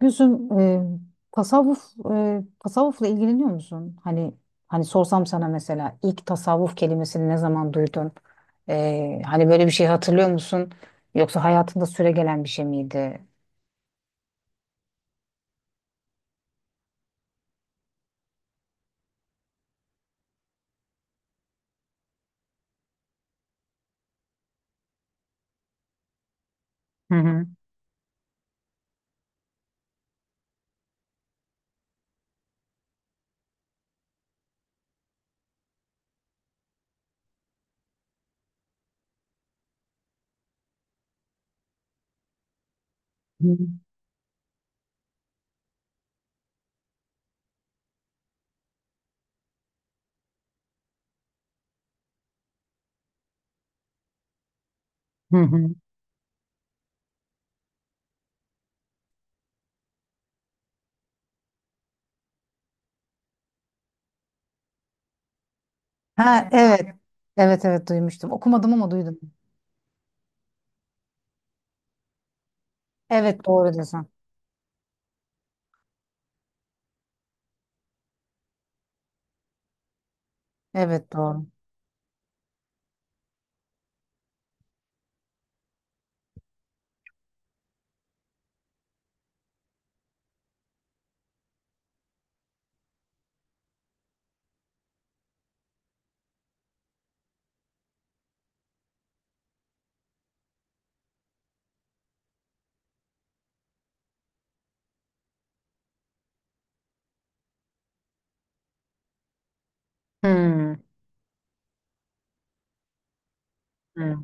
Gülsüm, tasavvuf tasavvufla ilgileniyor musun? Hani sorsam sana mesela ilk tasavvuf kelimesini ne zaman duydun? Hani böyle bir şey hatırlıyor musun? Yoksa hayatında süregelen bir şey miydi? Hı hı. Hı hı. Hı. Ha evet. Evet, evet, duymuştum. Okumadım ama duydum. Evet, doğru diyorsun. Evet, doğru. Hı. Hı.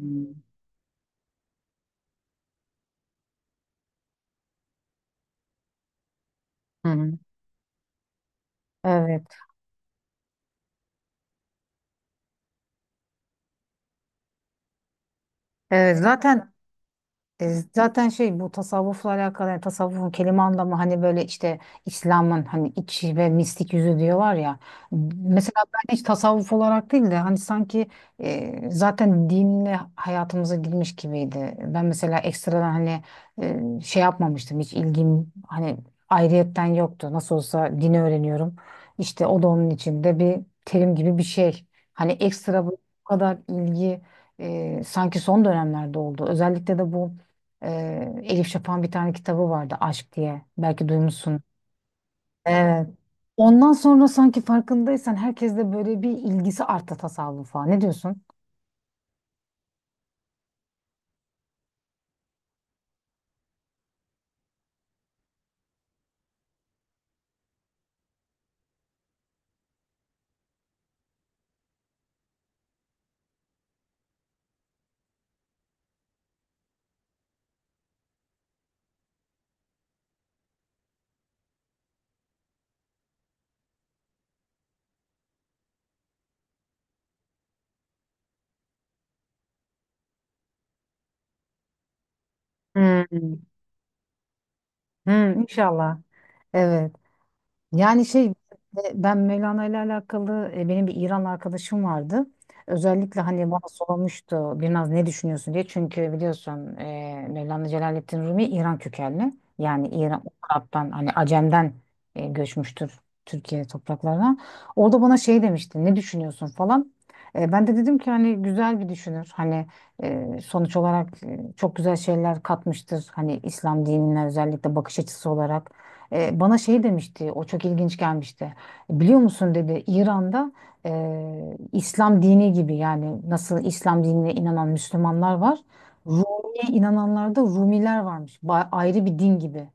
Hı. Evet. Evet, zaten E, zaten şey, bu tasavvufla alakalı, yani tasavvufun kelime anlamı hani böyle işte İslam'ın hani içi ve mistik yüzü diyorlar ya. Mesela ben hiç tasavvuf olarak değil de hani sanki zaten dinle hayatımıza girmiş gibiydi. Ben mesela ekstradan hani şey yapmamıştım, hiç ilgim hani ayrıyetten yoktu. Nasıl olsa dini öğreniyorum. İşte o da onun içinde bir terim gibi bir şey. Hani ekstra bu kadar ilgi sanki son dönemlerde oldu. Özellikle de bu Elif Şafak'ın bir tane kitabı vardı, Aşk diye. Belki duymuşsun. Evet. Ondan sonra sanki farkındaysan herkes de böyle bir ilgisi arttı tasavvufa. Ne diyorsun? Hmm. Hı, inşallah. Evet. Yani şey e, Ben Mevlana ile alakalı, benim bir İran arkadaşım vardı. Özellikle hani bana sormuştu biraz, ne düşünüyorsun diye. Çünkü biliyorsun Mevlana Celaleddin Rumi İran kökenli. Yani İran, Arap'tan hani Acem'den göçmüştür Türkiye topraklarına. Orada bana şey demişti, ne düşünüyorsun falan. Ben de dedim ki hani güzel bir düşünür. Hani sonuç olarak çok güzel şeyler katmıştır. Hani İslam dinine özellikle bakış açısı olarak. Bana şey demişti, o çok ilginç gelmişti. Biliyor musun dedi, İran'da İslam dini gibi, yani nasıl İslam dinine inanan Müslümanlar var. Rumi'ye inananlarda Rumiler varmış. Ayrı bir din gibi.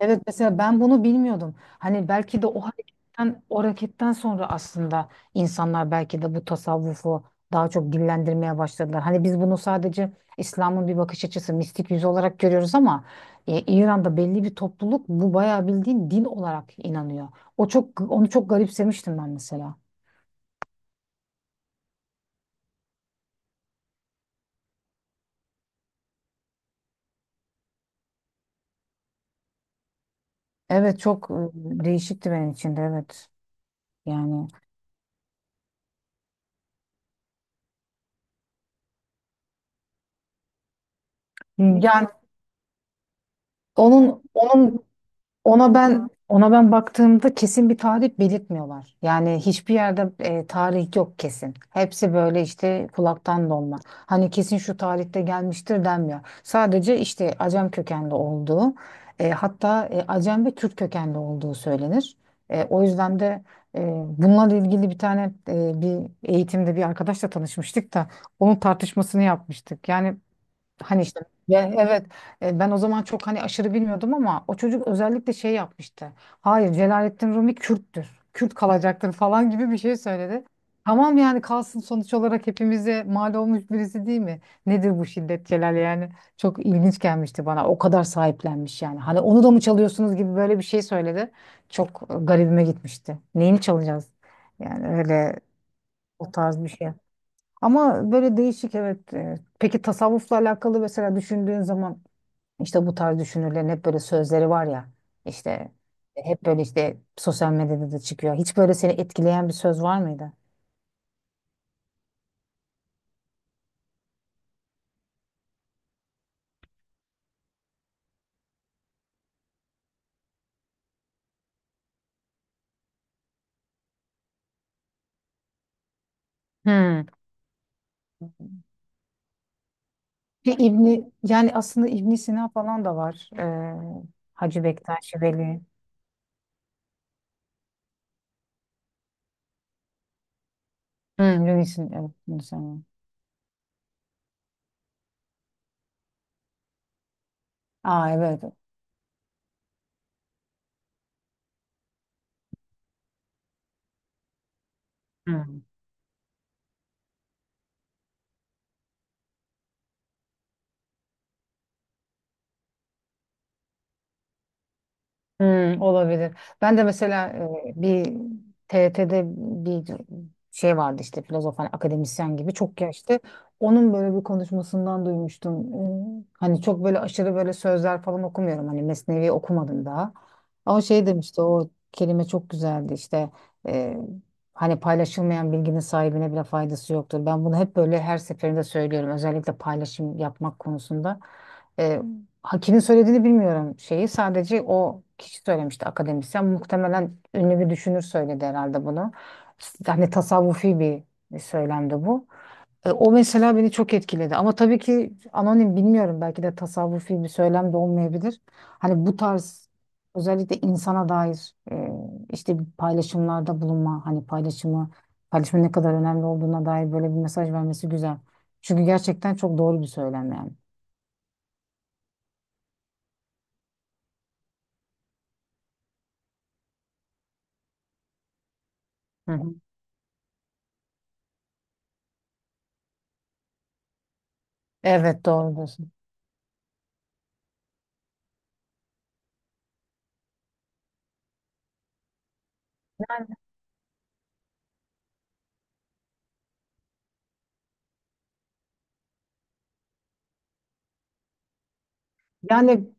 Evet, mesela ben bunu bilmiyordum. Hani belki de o hareketten, o hareketten sonra aslında insanlar belki de bu tasavvufu daha çok dillendirmeye başladılar. Hani biz bunu sadece İslam'ın bir bakış açısı, mistik yüzü olarak görüyoruz ama İran'da belli bir topluluk bu bayağı bildiğin din olarak inanıyor. O çok, onu çok garipsemiştim ben mesela. Evet, çok değişikti benim için de, evet. Yani yani onun onun Ona ben ona ben baktığımda kesin bir tarih belirtmiyorlar. Yani hiçbir yerde tarih yok kesin. Hepsi böyle işte kulaktan dolma. Hani kesin şu tarihte gelmiştir denmiyor. Sadece işte Acem kökenli olduğu, Acem ve Türk kökenli olduğu söylenir. O yüzden de e, bununla ilgili bir eğitimde bir arkadaşla tanışmıştık da onun tartışmasını yapmıştık. Hani işte ve evet Ben o zaman çok hani aşırı bilmiyordum ama o çocuk özellikle şey yapmıştı. Hayır, Celalettin Rumi Kürttür. Kürt kalacaktır falan gibi bir şey söyledi. Tamam yani kalsın, sonuç olarak hepimize mal olmuş birisi değil mi? Nedir bu şiddet Celal yani? Çok ilginç gelmişti bana. O kadar sahiplenmiş yani. Hani onu da mı çalıyorsunuz gibi böyle bir şey söyledi. Çok garibime gitmişti. Neyini çalacağız? Yani öyle, o tarz bir şey. Ama böyle değişik evet. Peki tasavvufla alakalı mesela düşündüğün zaman işte bu tarz düşünürlerin hep böyle sözleri var ya işte, hep böyle işte sosyal medyada da çıkıyor. Hiç böyle seni etkileyen bir söz var mıydı? Hmm. Bir İbni yani aslında İbn Sina falan da var. Hacı Bektaş Veli. Hmm. Yunus'un, evet. Yunus Emre. Aa, evet. Hmm, olabilir. Ben de mesela e, bir TRT'de bir şey vardı işte, filozof hani, akademisyen gibi çok yaşlı. Onun böyle bir konuşmasından duymuştum. Hani çok böyle aşırı böyle sözler falan okumuyorum. Hani Mesnevi okumadım daha. Ama şey demişti, o kelime çok güzeldi işte. e, Hani paylaşılmayan bilginin sahibine bile faydası yoktur. Ben bunu hep böyle her seferinde söylüyorum. Özellikle paylaşım yapmak konusunda. Ha, kimin söylediğini bilmiyorum şeyi. Sadece o kişi söylemişti, akademisyen. Muhtemelen ünlü bir düşünür söyledi herhalde bunu. Yani tasavvufi bir söylemdi bu. O mesela beni çok etkiledi. Ama tabii ki anonim, bilmiyorum. Belki de tasavvufi bir söylem de olmayabilir. Hani bu tarz özellikle insana dair işte bir paylaşımlarda bulunma, hani paylaşımı, paylaşımın ne kadar önemli olduğuna dair böyle bir mesaj vermesi güzel. Çünkü gerçekten çok doğru bir söylem yani. Hı hı. Evet, doğrudur. Yani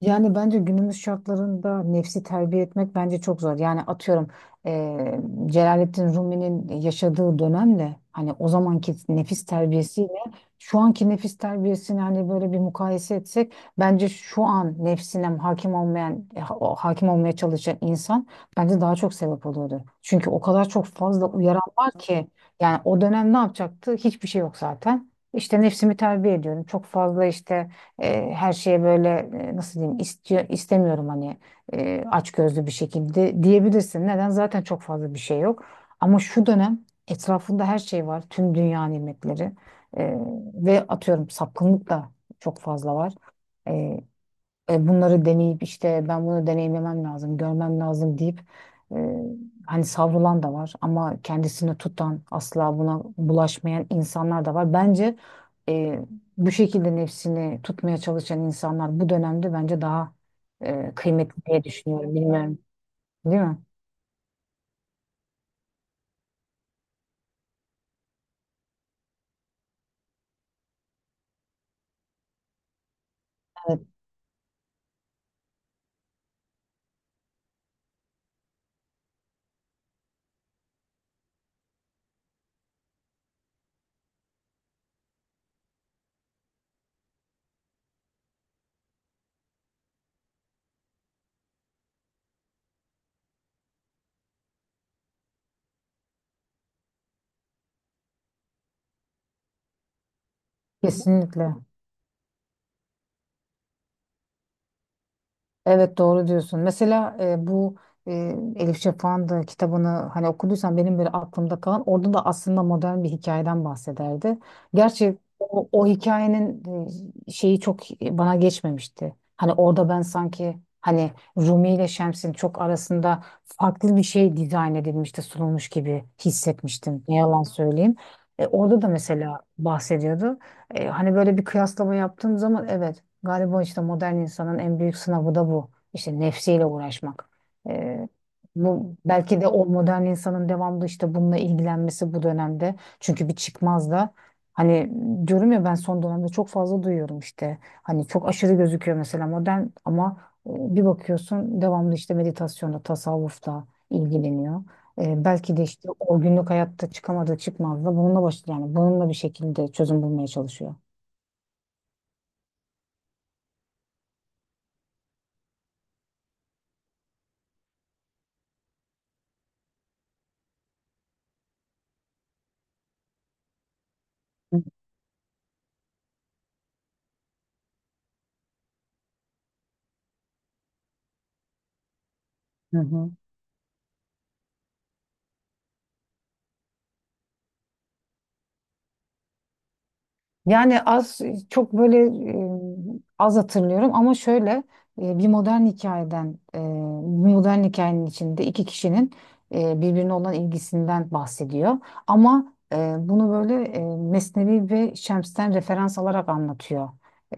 yani bence günümüz şartlarında nefsi terbiye etmek bence çok zor. Yani atıyorum Celalettin Rumi'nin yaşadığı dönemle hani o zamanki nefis terbiyesiyle şu anki nefis terbiyesini hani böyle bir mukayese etsek, bence şu an nefsine hakim olmayan, o hakim olmaya çalışan insan bence daha çok sebep oluyordu. Çünkü o kadar çok fazla uyaran var ki, yani o dönem ne yapacaktı? Hiçbir şey yok zaten. İşte nefsimi terbiye ediyorum. Çok fazla işte her şeye böyle nasıl diyeyim, istiyor istemiyorum hani açgözlü bir şekilde diyebilirsin. Neden? Zaten çok fazla bir şey yok. Ama şu dönem etrafında her şey var. Tüm dünya nimetleri E, ve atıyorum sapkınlık da çok fazla var. E, Bunları deneyip işte ben bunu deneyimlemem lazım, görmem lazım deyip e, hani savrulan da var ama kendisini tutan, asla buna bulaşmayan insanlar da var. Bence e, bu şekilde nefsini tutmaya çalışan insanlar bu dönemde bence daha kıymetli diye düşünüyorum. Bilmiyorum, değil mi? Evet. Kesinlikle. Evet, doğru diyorsun. Mesela e, Elif Şafak'ın da kitabını hani okuduysan, benim böyle aklımda kalan, orada da aslında modern bir hikayeden bahsederdi. Gerçi o hikayenin şeyi çok bana geçmemişti. Hani orada ben sanki hani Rumi ile Şems'in çok arasında farklı bir şey dizayn edilmişti, sunulmuş gibi hissetmiştim. Ne yalan söyleyeyim. Orada da mesela bahsediyordu. Hani böyle bir kıyaslama yaptığım zaman, evet, galiba işte modern insanın en büyük sınavı da bu. İşte nefsiyle uğraşmak. Ee, Bu belki de o modern insanın devamlı işte bununla ilgilenmesi bu dönemde. Çünkü bir çıkmaz da hani, diyorum ya ben son dönemde çok fazla duyuyorum işte. Hani çok aşırı gözüküyor mesela modern ama e, bir bakıyorsun devamlı işte meditasyonda, tasavvufta ilgileniyor. Belki de işte o günlük hayatta çıkamadığı çıkmazda bununla baş yani bununla bir şekilde çözüm bulmaya çalışıyor. Hı hı. Yani az çok böyle az hatırlıyorum ama şöyle bir modern hikayenin içinde iki kişinin birbirine olan ilgisinden bahsediyor. Ama bunu böyle Mesnevi ve Şems'ten referans alarak anlatıyor.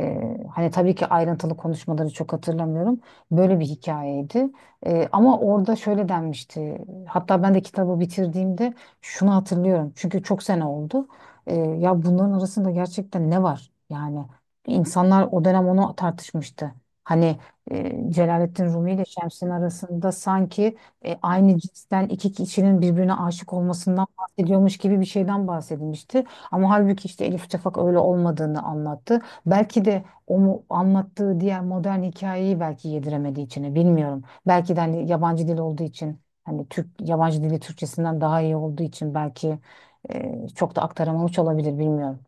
E, Hani tabii ki ayrıntılı konuşmaları çok hatırlamıyorum. Böyle bir hikayeydi. Ama orada şöyle denmişti. Hatta ben de kitabı bitirdiğimde şunu hatırlıyorum. Çünkü çok sene oldu. Ya bunların arasında gerçekten ne var? Yani insanlar o dönem onu tartışmıştı. Hani Celalettin Rumi ile Şems'in arasında sanki aynı cinsten iki kişinin birbirine aşık olmasından bahsediyormuş gibi bir şeyden bahsedilmişti. Ama halbuki işte Elif Şafak öyle olmadığını anlattı. Belki de anlattığı diğer modern hikayeyi belki yediremediği için bilmiyorum. Belki de hani yabancı dil olduğu için, hani Türk yabancı dili Türkçesinden daha iyi olduğu için belki çok da aktaramamış olabilir, bilmiyorum.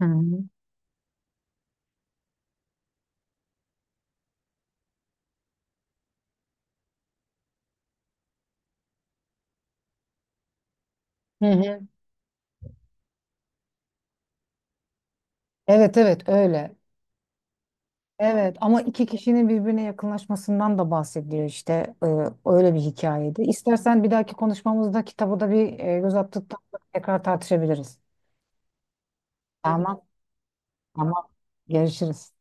Hı hı. Hı hı. Evet, evet, öyle. Evet ama iki kişinin birbirine yakınlaşmasından da bahsediyor işte. Ee, Öyle bir hikayeydi. İstersen bir dahaki konuşmamızda kitabı da bir göz attıktan sonra tekrar tartışabiliriz. Tamam, tamam, görüşürüz.